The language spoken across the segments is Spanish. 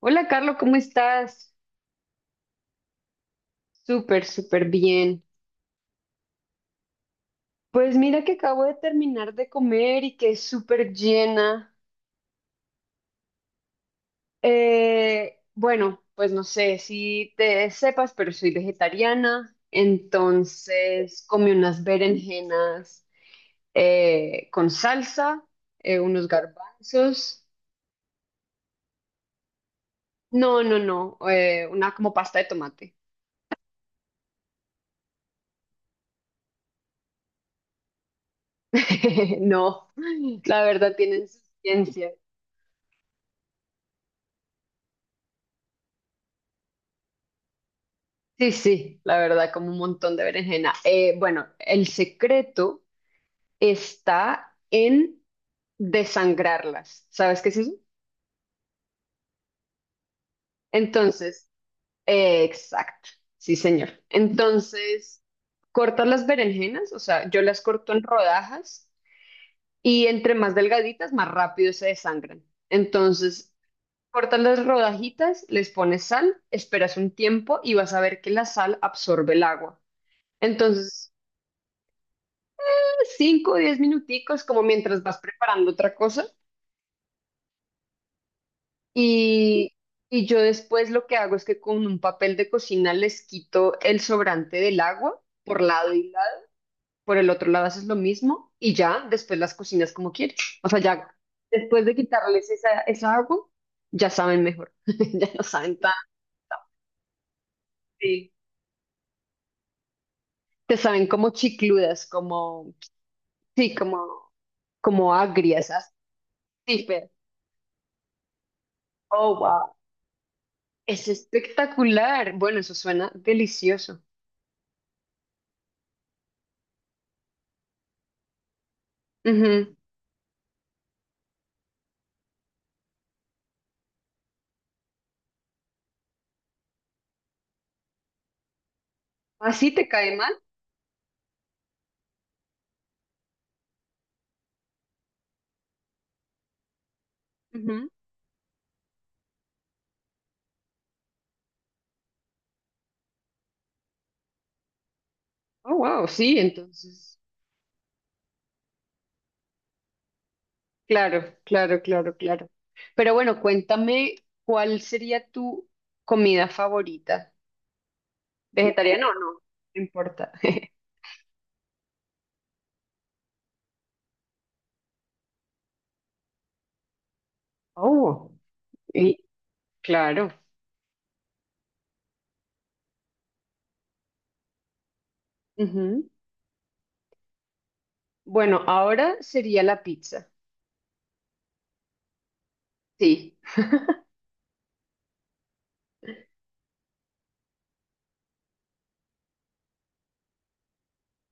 Hola, Carlos, ¿cómo estás? Súper, súper bien. Pues mira que acabo de terminar de comer y que es súper llena. Bueno, pues no sé si te sepas, pero soy vegetariana, entonces comí unas berenjenas con salsa, unos garbanzos. No, no, no, una como pasta de tomate. No, la verdad tienen su ciencia. Sí, sí, la verdad, como un montón de berenjena. Bueno, el secreto está en desangrarlas. ¿Sabes qué es eso? Entonces, exacto, sí, señor. Entonces, cortas las berenjenas, o sea, yo las corto en rodajas y entre más delgaditas, más rápido se desangran. Entonces, cortas las rodajitas, les pones sal, esperas un tiempo y vas a ver que la sal absorbe el agua. Entonces, 5 o 10 minuticos, como mientras vas preparando otra cosa. Y, y yo después lo que hago es que con un papel de cocina les quito el sobrante del agua por lado y lado. Por el otro lado haces lo mismo y ya después las cocinas como quieres. O sea, ya después de quitarles esa agua, ya saben mejor. Ya no saben tan. Sí. Te saben como chicludas, como, sí, como, como agrias. Así, pero, oh, wow. Es espectacular. Bueno, eso suena delicioso. Ujú. ¿Así te cae mal? Ujú. Oh, wow, sí, entonces. Claro, claro, claro, claro. Pero bueno, cuéntame, ¿cuál sería tu comida favorita? ¿Vegetariana o no? No importa. Oh, y claro. Ujú. Bueno, ahora sería la pizza. Sí,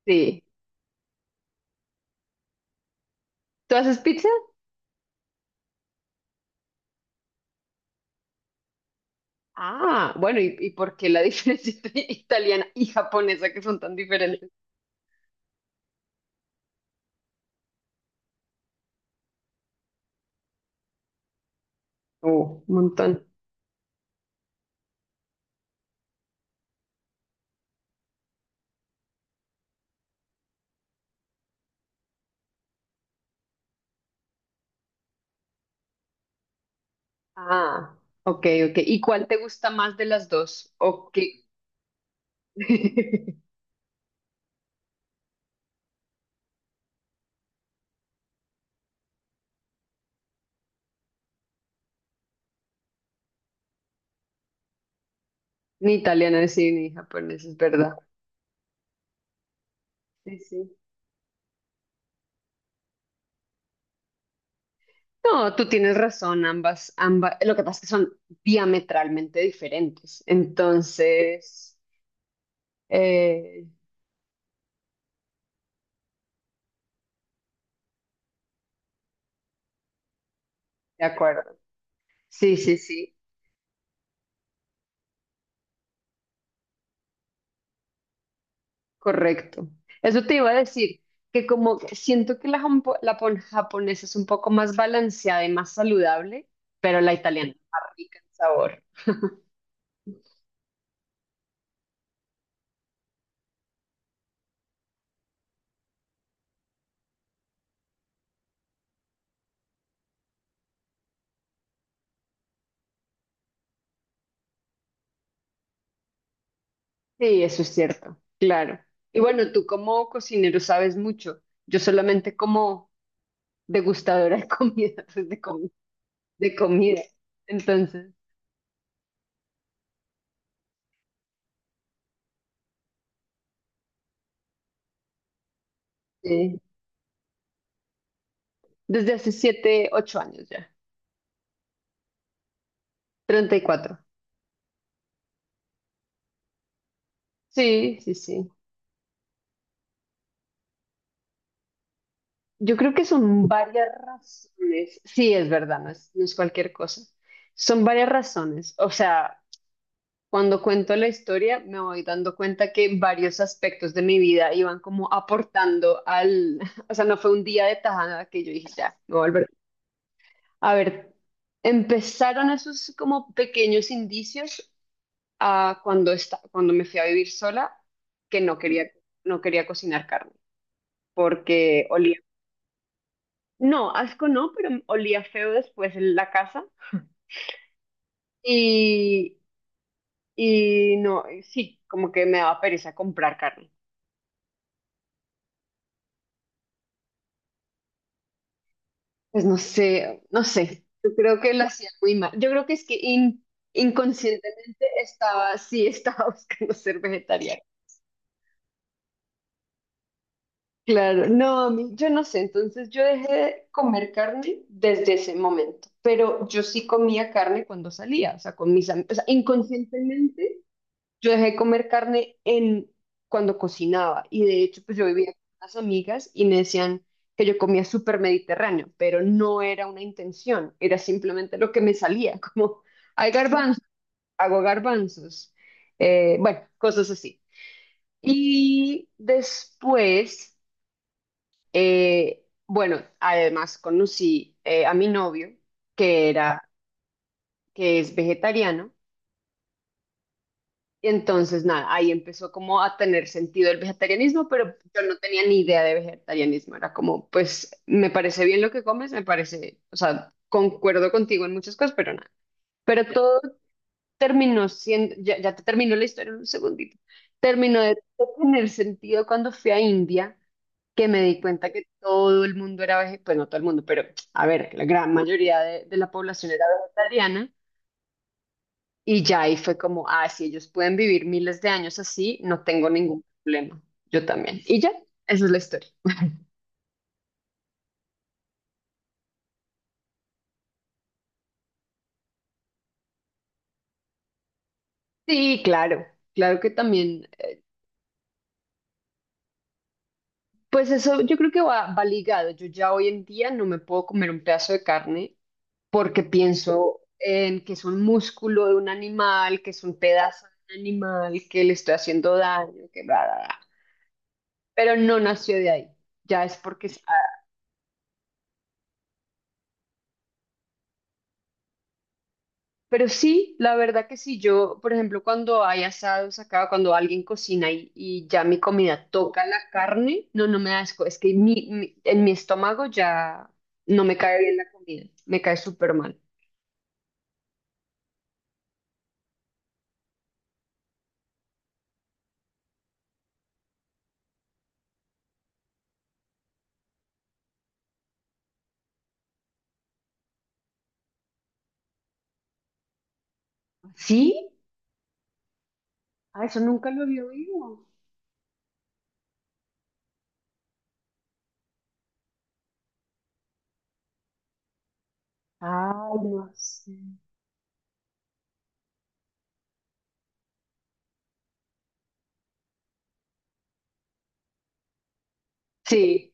sí. ¿Tú haces pizza? Ah, bueno, y por qué la diferencia entre italiana y japonesa que son tan diferentes? Oh, un montón. Ah, ok, ok. ¿Y cuál te gusta más de las dos? ¿O qué? Ni italiana, sí, ni japonesa, es verdad. Sí, sí. No, tú tienes razón, ambas, ambas. Lo que pasa es que son diametralmente diferentes. Entonces, eh, de acuerdo. Sí, sí, sí, correcto. Eso te iba a decir, que como siento que la japonesa es un poco más balanceada y más saludable, pero la italiana es más rica en sabor. Sí, eso es cierto, claro. Y bueno, tú como cocinero sabes mucho. Yo solamente como degustadora de comida, pues, de comida. Entonces, sí, desde hace 7, 8 años ya. 34. Sí, sí, sí. Yo creo que son varias razones. Sí, es verdad, no es, no es cualquier cosa. Son varias razones. O sea, cuando cuento la historia, me voy dando cuenta que varios aspectos de mi vida iban como aportando al, o sea, no fue un día de tajada que yo dije, ya, me voy a volver. A ver, empezaron esos como pequeños indicios a cuando cuando me fui a vivir sola, que no quería, no quería cocinar carne, porque olía, no, asco no, pero olía feo después en la casa y, y no, sí, como que me daba pereza comprar carne. Pues no sé, no sé. Yo creo que lo hacía muy mal. Yo creo que es que inconscientemente estaba, sí, estaba buscando ser vegetariana. Claro, no, a mí- yo no sé. Entonces yo dejé de comer carne desde ese momento. Pero yo sí comía carne cuando salía, o sea, con mis amigos. O sea, inconscientemente. Yo dejé de comer carne en cuando cocinaba y de hecho pues yo vivía con unas amigas y me decían que yo comía súper mediterráneo, pero no era una intención, era simplemente lo que me salía, como hay garbanzos, hago garbanzos, bueno, cosas así. Y después, bueno, además conocí a mi novio, que era, que es vegetariano. Entonces, nada, ahí empezó como a tener sentido el vegetarianismo, pero yo no tenía ni idea de vegetarianismo. Era como, pues, me parece bien lo que comes, me parece, o sea, concuerdo contigo en muchas cosas, pero nada. Pero todo terminó siendo, ya, ya te terminó la historia en un segundito. Terminó de tener sentido cuando fui a India, que me di cuenta que todo el mundo era vegetariano, pues no todo el mundo, pero a ver, que la gran mayoría de la población era vegetariana. Y ya ahí fue como, ah, si ellos pueden vivir miles de años así, no tengo ningún problema. Yo también. Y ya, esa es la historia. Sí, claro, claro que también. Pues eso yo creo que va ligado. Yo ya hoy en día no me puedo comer un pedazo de carne porque pienso en que es un músculo de un animal, que es un pedazo de un animal, que le estoy haciendo daño, que bla, bla, bla. Pero no nació de ahí. Ya es porque sí. Pero sí, la verdad que sí, yo, por ejemplo, cuando hay asados acá, cuando alguien cocina y ya mi comida toca la carne, no, no me da asco, es que en mi estómago ya no me cae bien la comida, me cae súper mal. ¿Sí? Ah, eso nunca lo había oído. Ay, no sé. Sí.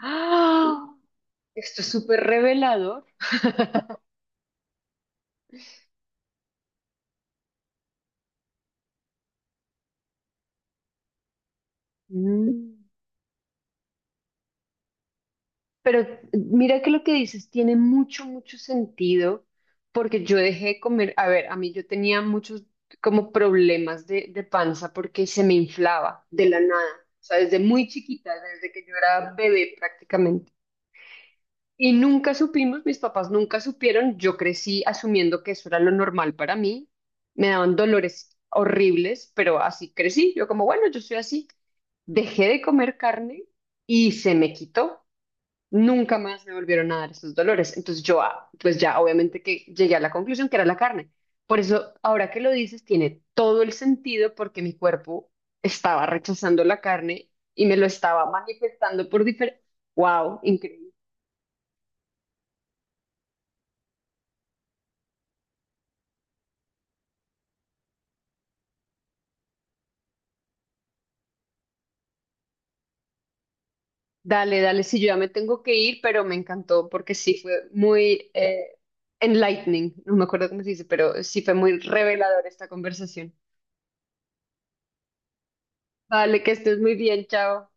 ¡Ah! Esto es súper revelador. Mm. Pero mira que lo que dices tiene mucho, mucho sentido, porque yo dejé de comer, a ver, a mí yo tenía muchos como problemas de panza porque se me inflaba de la nada, o sea, desde muy chiquita, desde que yo era bebé prácticamente. Y nunca supimos, mis papás nunca supieron, yo crecí asumiendo que eso era lo normal para mí, me daban dolores horribles, pero así crecí, yo como, bueno, yo soy así. Dejé de comer carne y se me quitó. Nunca más me volvieron a dar esos dolores. Entonces yo, ah, pues ya obviamente que llegué a la conclusión que era la carne. Por eso, ahora que lo dices, tiene todo el sentido porque mi cuerpo estaba rechazando la carne y me lo estaba manifestando por diferente. ¡Wow! Increíble. Dale, dale, sí, yo ya me tengo que ir, pero me encantó porque sí fue muy enlightening. No me acuerdo cómo se dice, pero sí fue muy revelador esta conversación. Vale, que estés muy bien, chao.